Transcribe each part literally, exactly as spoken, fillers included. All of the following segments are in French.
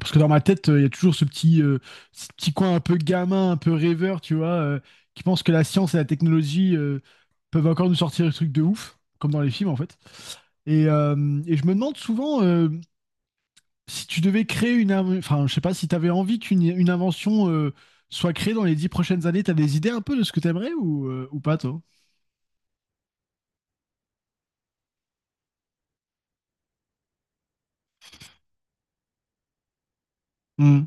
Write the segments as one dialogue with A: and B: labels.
A: Parce que dans ma tête, euh, il y a toujours ce petit, euh, ce petit coin un peu gamin, un peu rêveur, tu vois, euh, qui pense que la science et la technologie euh, peuvent encore nous sortir des trucs de ouf, comme dans les films en fait. Et, euh, et je me demande souvent euh, si tu devais créer une... inv- Enfin, je sais pas, si tu avais envie qu'une une invention euh, soit créée dans les dix prochaines années, tu as des idées un peu de ce que tu aimerais ou, euh, ou pas, toi? Hmm.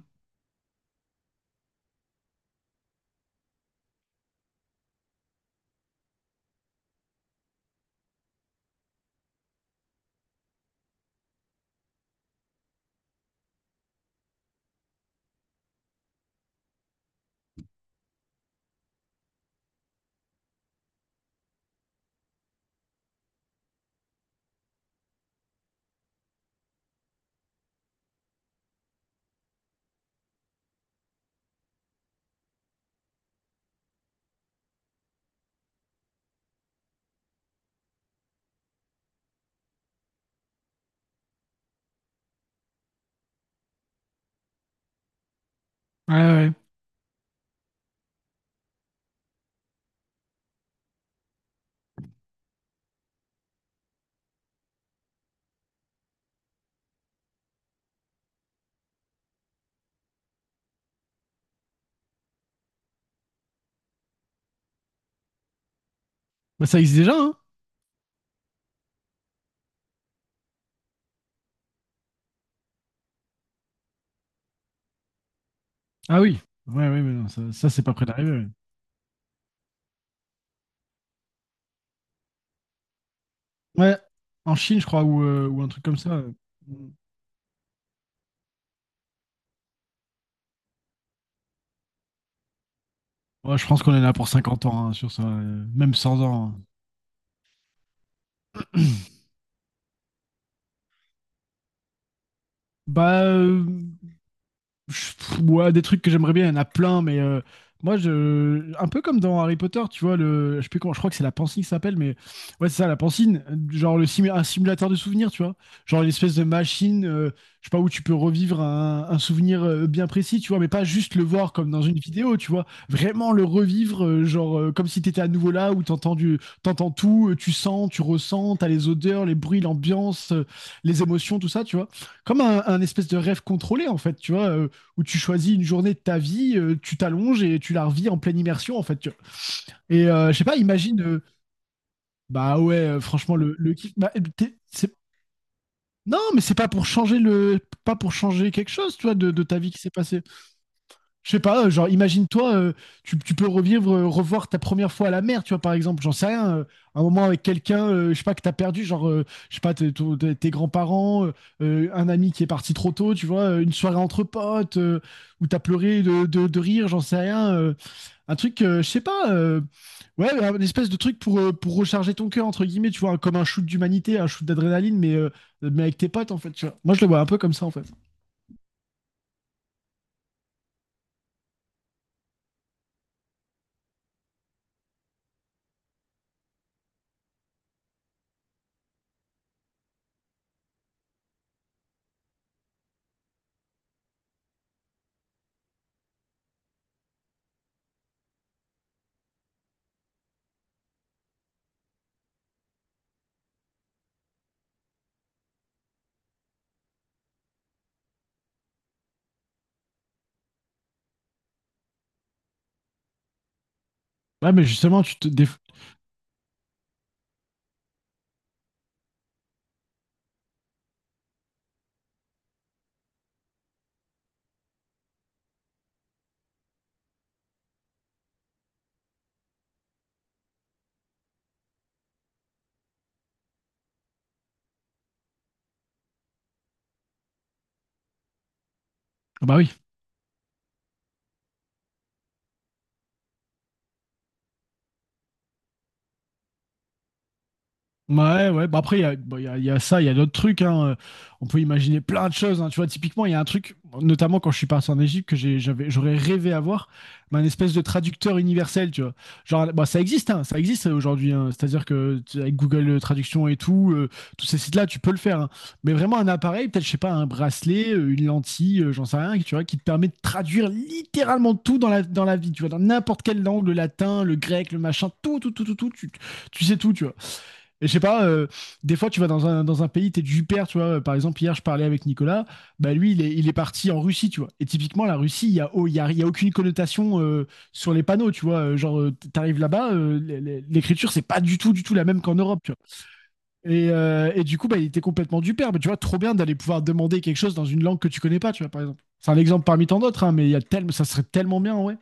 A: Ouais, ouais. Bah, ça existe déjà, hein? Ah oui. Ouais, ouais, mais non, ça, ça, c'est pas près d'arriver. Ouais. Ouais, en Chine, je crois, ou, euh, ou un truc comme ça. Ouais, je pense qu'on est là pour cinquante ans, hein, sur ça, euh, même cent ans, hein. Bah, euh, Ouais, des trucs que j'aimerais bien, il y en a plein, mais euh, moi, je, un peu comme dans Harry Potter, tu vois, le, je sais plus comment, je crois que c'est la pensine qui s'appelle, mais ouais, c'est ça, la pensine, genre le sim- un simulateur de souvenirs, tu vois, genre une espèce de machine, euh, je sais pas, où tu peux revivre un, un souvenir euh, bien précis, tu vois, mais pas juste le voir comme dans une vidéo, tu vois, vraiment le revivre, euh, genre euh, comme si t'étais à nouveau là, où t'entends du, t'entends tout, euh, tu sens, tu ressens, t'as les odeurs, les bruits, l'ambiance, euh, les émotions, tout ça, tu vois, comme un, un espèce de rêve contrôlé, en fait, tu vois, euh, où tu choisis une journée de ta vie, euh, tu t'allonges et tu la revis en pleine immersion, en fait, tu vois. Et euh, je sais pas, imagine, euh, bah ouais, euh, franchement, le, le kiff. Bah, t'es- c'est- non, mais c'est pas pour changer le, pas pour changer quelque chose, tu vois, de, de ta vie qui s'est passée. Je sais pas, euh, genre, imagine-toi, euh, tu, tu peux revivre, euh, revoir ta première fois à la mer, tu vois, par exemple, j'en sais rien, euh, un moment avec quelqu'un, euh, je sais pas, que t'as perdu, genre, euh, je sais pas, tes ton- tes- tes grands-parents, euh, euh, un ami qui est parti trop tôt, tu vois, euh, une soirée entre potes, euh, où t'as pleuré de, de, de rire, j'en sais rien. euh, Un truc, euh, je sais pas, euh, ouais, une espèce de truc pour, euh, pour recharger ton cœur, entre guillemets, tu vois, comme un shoot d'humanité, un shoot d'adrénaline, mais, euh, mais avec tes potes, en fait, tu vois. Moi, je le vois un peu comme ça, en fait. Ouais, mais justement, tu te déf- Ah, bah oui. Ouais, ouais. Bah après, il y a, bon, il y a- il y a ça, il y a d'autres trucs, hein. Euh, On peut imaginer plein de choses, hein. Tu vois, typiquement, il y a un truc, notamment quand je suis parti en Égypte, que j'ai- j'avais, j'aurais rêvé avoir, mais un espèce de traducteur universel, tu vois. Genre, bah ça existe, hein, ça existe aujourd'hui, hein. C'est-à-dire que tu- avec Google Traduction et tout, euh, tous ces sites-là, tu peux le faire, hein. Mais vraiment, un appareil, peut-être, je sais pas, un bracelet, euh, une lentille, euh, j'en sais rien, tu vois, qui te permet de traduire littéralement tout dans la, dans la vie, tu vois, dans n'importe quelle langue, le latin, le grec, le machin, tout, tout, tout, tout, tout, tu, tu sais tout, tu vois. Et je sais pas, euh, des fois tu vas dans un, dans un pays, t'es du père, tu vois. euh, Par exemple, hier je parlais avec Nicolas, bah lui il est, il est parti en Russie, tu vois. Et typiquement, la Russie, il y a, oh, il y a, il y a aucune connotation euh, sur les panneaux, tu vois. Euh, Genre, euh, t'arrives là-bas, euh, l- l- l'écriture c'est pas du tout, du tout la même qu'en Europe, tu vois. Et, euh, et du coup, bah il était complètement du père. Mais tu vois, trop bien d'aller pouvoir demander quelque chose dans une langue que tu connais pas, tu vois, par exemple. C'est un exemple parmi tant d'autres, hein, mais il y a tellement, ça serait tellement bien, ouais.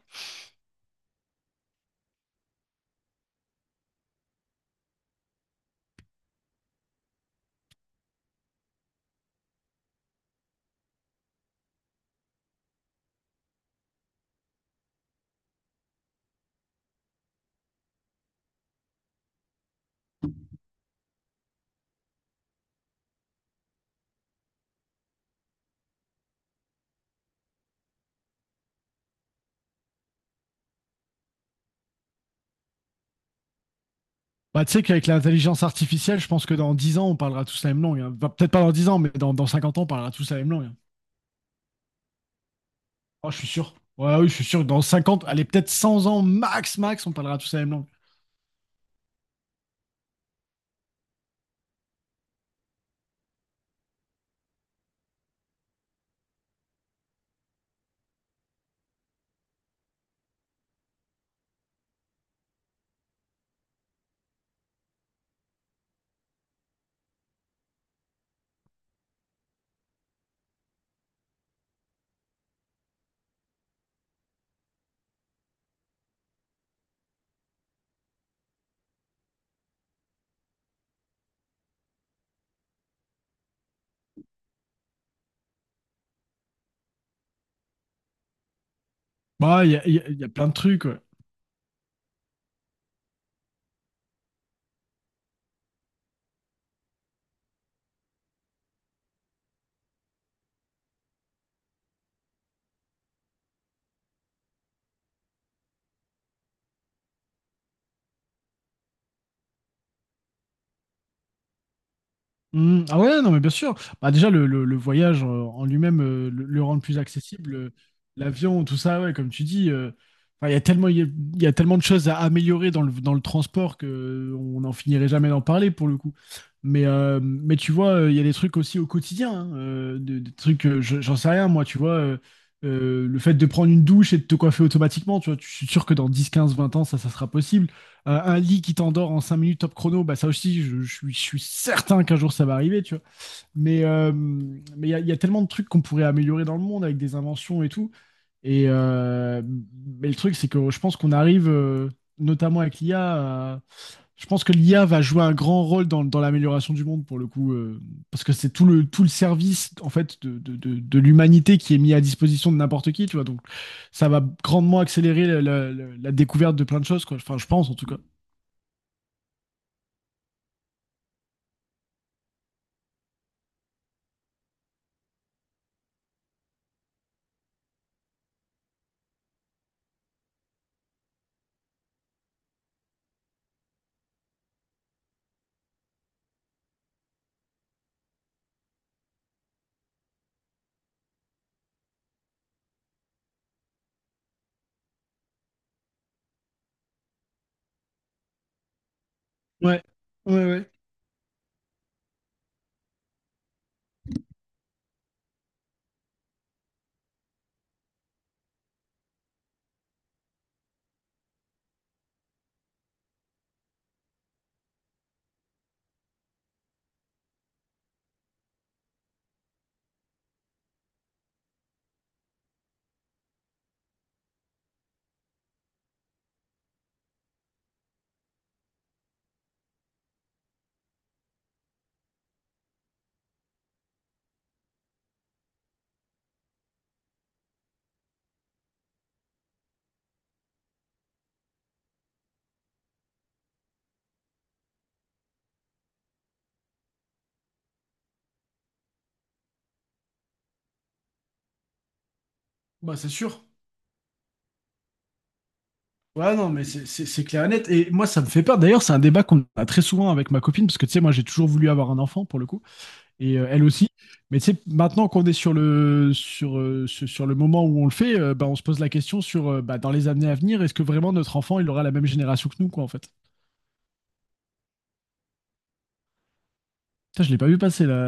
A: Bah, tu sais qu'avec l'intelligence artificielle, je pense que dans dix ans, on parlera tous la même langue, hein. Bah, peut-être pas dans dix ans, mais dans, dans cinquante ans, on parlera tous la même langue, hein. Oh, je suis sûr. Ouais, oui, je suis sûr que dans cinquante, allez, peut-être cent ans, max, max, on parlera tous la même langue. Bah, il y a, il y a- il y a plein de trucs, ouais. Hmm, ah ouais, non, mais bien sûr. Bah, déjà, le, le- le voyage euh, en lui-même, euh, le, le rendre plus accessible, euh, l'avion, tout ça, ouais, comme tu dis, euh, enfin, il y a tellement, il y a, il y a tellement de choses à améliorer dans le, dans le transport que euh, on n'en finirait jamais d'en parler pour le coup. Mais, euh, mais tu vois, euh, il y a des trucs aussi au quotidien, hein, euh, de- des trucs, euh, je- j'en sais rien, moi, tu vois, euh, euh, le fait de prendre une douche et de te coiffer automatiquement, tu vois, je suis sûr que dans dix quinze vingt ans, ça, ça sera possible. Euh, un lit qui t'endort en cinq minutes top chrono, bah ça aussi, je, je suis, je suis certain qu'un jour ça va arriver, tu vois. Mais euh, mais il y, a- y a tellement de trucs qu'on pourrait améliorer dans le monde avec des inventions et tout. Et euh, mais le truc, c'est que je pense qu'on arrive, euh, notamment avec l'I A, à- je pense que l'I A va jouer un grand rôle dans, dans l'amélioration du monde pour le coup, euh, parce que c'est tout le tout le service en fait de, de, de, de l'humanité qui est mis à disposition de n'importe qui, tu vois. Donc ça va grandement accélérer la, la- la- la découverte de plein de choses, quoi. Enfin, je pense en tout cas. Ouais, ouais, ouais. Bah, c'est sûr. Ouais, non, mais c'est c'est- c'est clair et net. Et moi, ça me fait peur. D'ailleurs, c'est un débat qu'on a très souvent avec ma copine, parce que tu sais, moi, j'ai toujours voulu avoir un enfant pour le coup, et euh, elle aussi. Mais tu sais, maintenant qu'on est sur le, sur, euh, ce- sur le moment où on le fait, euh, bah, on se pose la question sur euh, bah, dans les années à venir, est-ce que vraiment notre enfant, il aura la même génération que nous, quoi, en fait? Putain, je l'ai pas vu passer là,